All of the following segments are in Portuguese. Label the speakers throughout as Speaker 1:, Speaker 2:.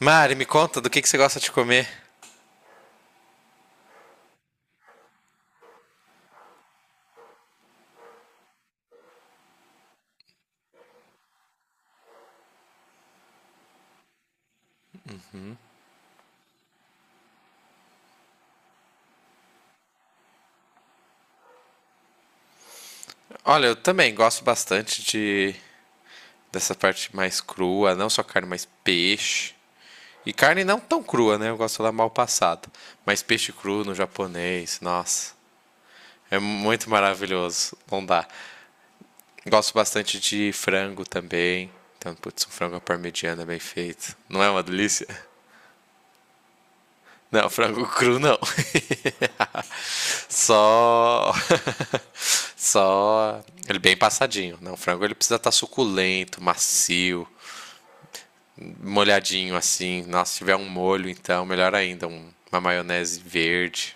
Speaker 1: Mari, me conta do que você gosta de comer. Olha, eu também gosto bastante de dessa parte mais crua, não só carne, mas peixe. E carne não tão crua, né? Eu gosto lá mal passada. Mas peixe cru no japonês, nossa. É muito maravilhoso, não dá. Gosto bastante de frango também. Então, putz, um frango à parmegiana bem feito. Não é uma delícia? Não, frango cru não. Só. Só. Ele bem passadinho, né? O frango ele precisa estar suculento, macio, molhadinho assim. Nossa, se tiver um molho, então, melhor ainda. Uma maionese verde.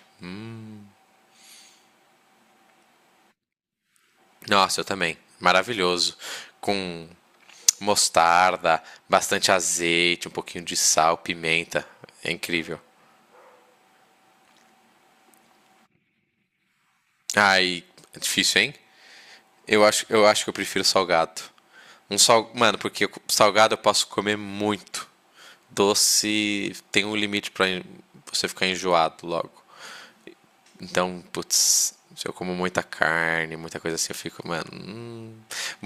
Speaker 1: Nossa, eu também. Maravilhoso. Com mostarda, bastante azeite, um pouquinho de sal, pimenta. É incrível. Ai, é difícil, hein? Eu acho que eu prefiro salgado. Mano, porque salgado eu posso comer muito. Doce tem um limite para você ficar enjoado logo. Então, putz, se eu como muita carne, muita coisa assim, eu fico, mano,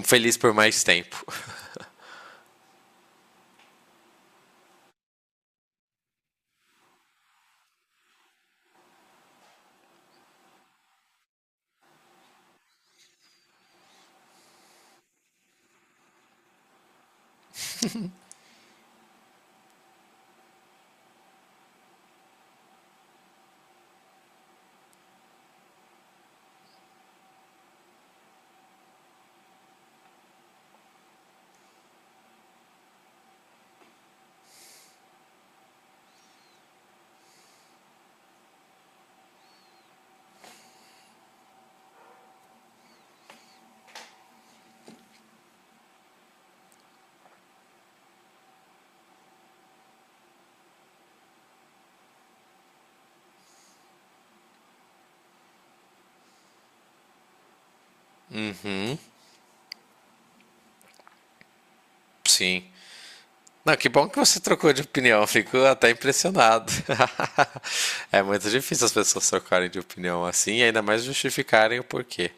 Speaker 1: feliz por mais tempo. Uhum, sim. Não, que bom que você trocou de opinião, eu fico até impressionado. É muito difícil as pessoas trocarem de opinião assim e ainda mais justificarem o porquê.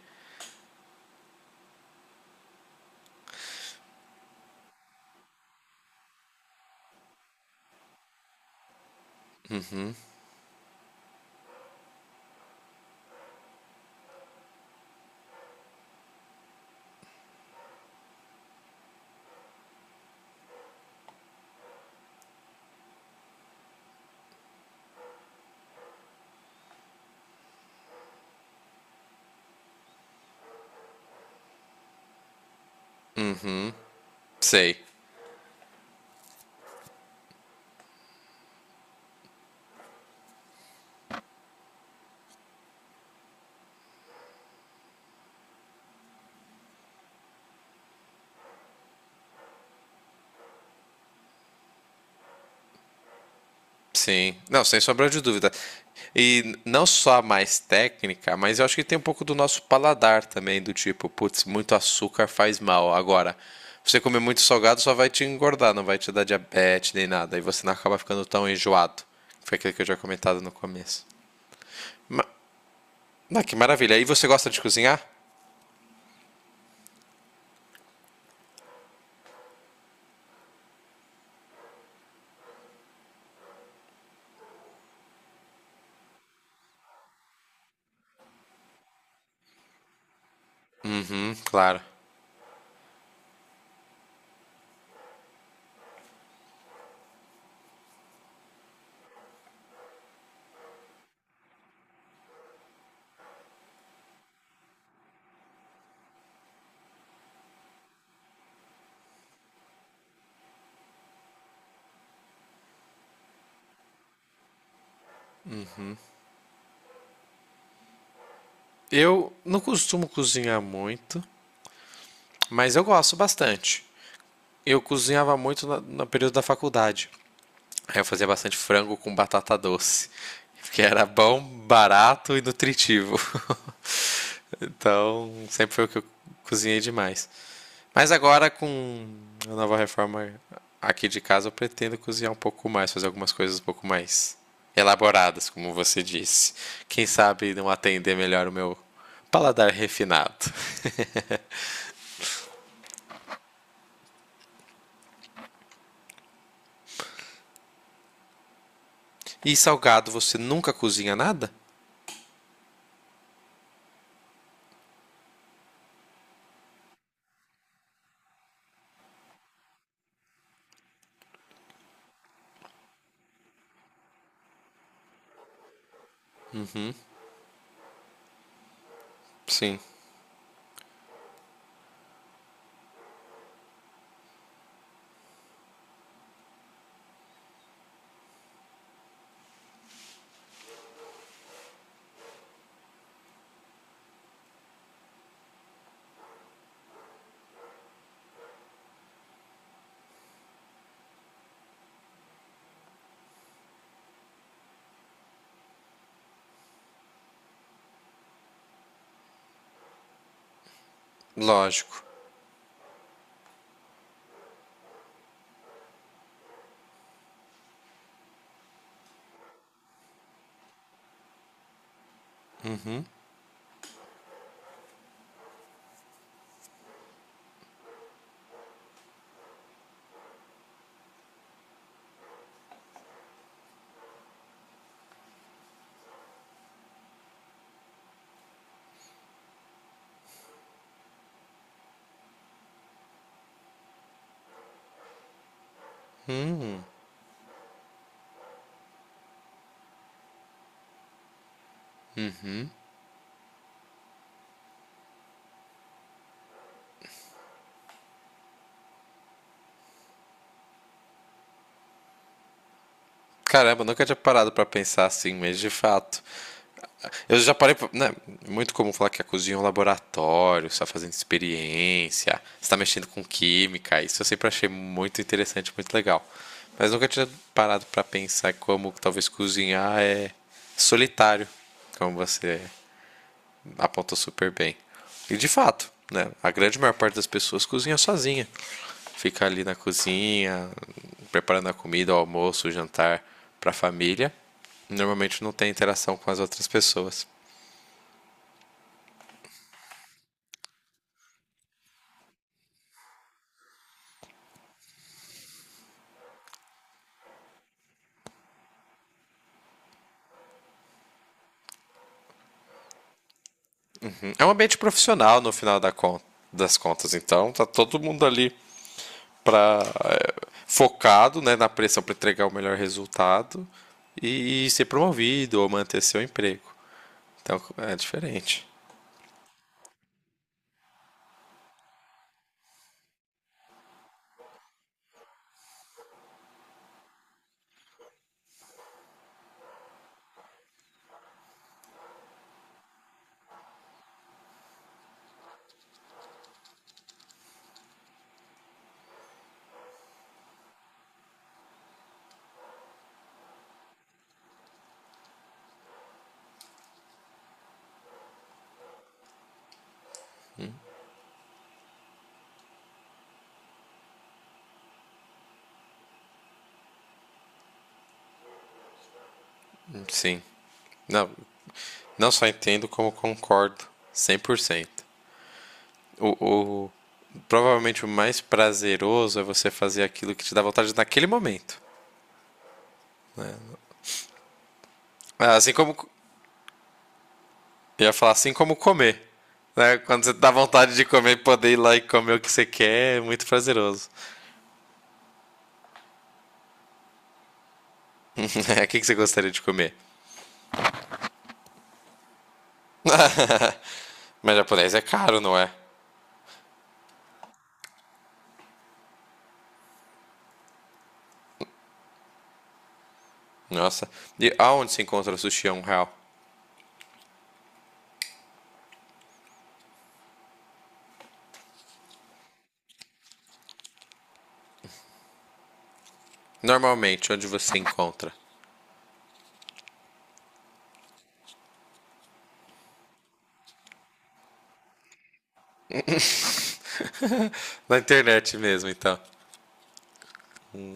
Speaker 1: Sei. Sim, não, sem sombra de dúvida. E não só a mais técnica, mas eu acho que tem um pouco do nosso paladar também, do tipo, putz, muito açúcar faz mal. Agora, você comer muito salgado só vai te engordar, não vai te dar diabetes nem nada. E você não acaba ficando tão enjoado. Foi aquilo que eu já comentado no começo. Ma- ah, que maravilha. E você gosta de cozinhar? Claro. Eu não costumo cozinhar muito, mas eu gosto bastante. Eu cozinhava muito no período da faculdade. Aí eu fazia bastante frango com batata doce, que era bom, barato e nutritivo. Então, sempre foi o que eu cozinhei demais. Mas agora, com a nova reforma aqui de casa, eu pretendo cozinhar um pouco mais, fazer algumas coisas um pouco mais elaboradas, como você disse. Quem sabe não atender melhor o meu paladar refinado. E salgado, você nunca cozinha nada? Sim, lógico. Caramba, nunca tinha parado para pensar assim, mas de fato. Eu já parei. Né, é muito comum falar que a cozinha é um laboratório, você está fazendo experiência, você está mexendo com química. Isso eu sempre achei muito interessante, muito legal. Mas nunca tinha parado para pensar como talvez cozinhar é solitário, como você apontou super bem. E de fato, né, a grande maior parte das pessoas cozinha sozinha. Fica ali na cozinha, preparando a comida, o almoço, o jantar para a família. Normalmente não tem interação com as outras pessoas. É um ambiente profissional no final das contas, então tá todo mundo ali pra, focado né, na pressão para entregar o melhor resultado e ser promovido ou manter seu emprego. Então é diferente. Sim. Não, não só entendo como concordo 100%. O, o, Provavelmente o mais prazeroso é você fazer aquilo que te dá vontade naquele momento. Assim como Eu ia falar assim como comer. Né? Quando você dá vontade de comer, poder ir lá e comer o que você quer é muito prazeroso. O que que você gostaria de comer? Mas japonês é caro, não é? Nossa. E aonde se encontra sushi a um real? Normalmente, onde você encontra? Na internet mesmo, então.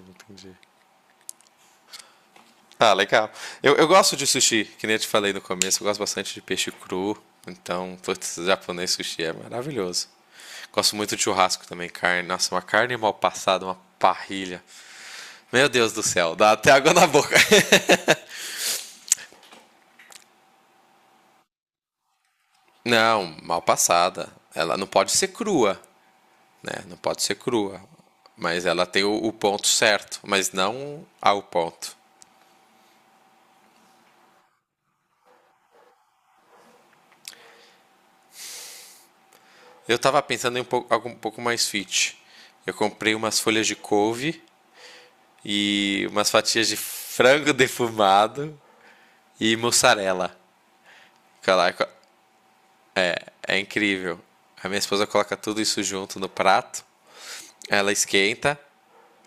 Speaker 1: Entendi. Ah, legal. Eu gosto de sushi, que nem eu te falei no começo. Eu gosto bastante de peixe cru. Então, putz, japonês sushi é maravilhoso. Gosto muito de churrasco também, carne. Nossa, uma carne mal passada, uma parrilha. Meu Deus do céu, dá até água na boca. Não, mal passada. Ela não pode ser crua, né? Não pode ser crua. Mas ela tem o ponto certo, mas não ao ponto. Eu tava pensando em um pouco, algo um pouco mais fit. Eu comprei umas folhas de couve e umas fatias de frango defumado e mussarela. Caraca, é incrível. A minha esposa coloca tudo isso junto no prato. Ela esquenta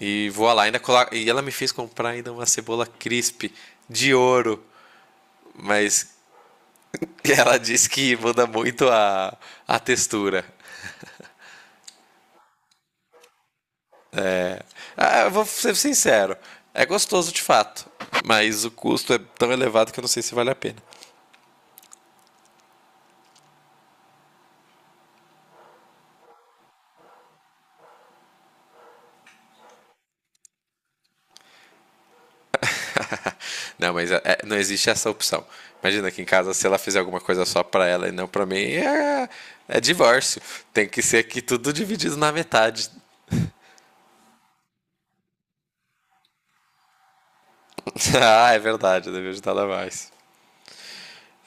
Speaker 1: e voa lá. Ainda coloca... E ela me fez comprar ainda uma cebola crisp de ouro. Mas ela diz que muda muito a textura. Ah, eu vou ser sincero. É gostoso de fato. Mas o custo é tão elevado que eu não sei se vale a pena. Não, mas não existe essa opção. Imagina que em casa, se ela fizer alguma coisa só pra ela e não pra mim, é divórcio. Tem que ser aqui tudo dividido na metade. Ah, é verdade, eu devia ajudar ela mais.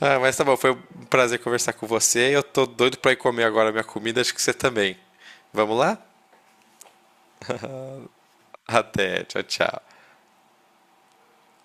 Speaker 1: Ah, mas tá bom, foi um prazer conversar com você. Eu tô doido pra ir comer agora a minha comida, acho que você também. Vamos lá? Até, tchau, tchau.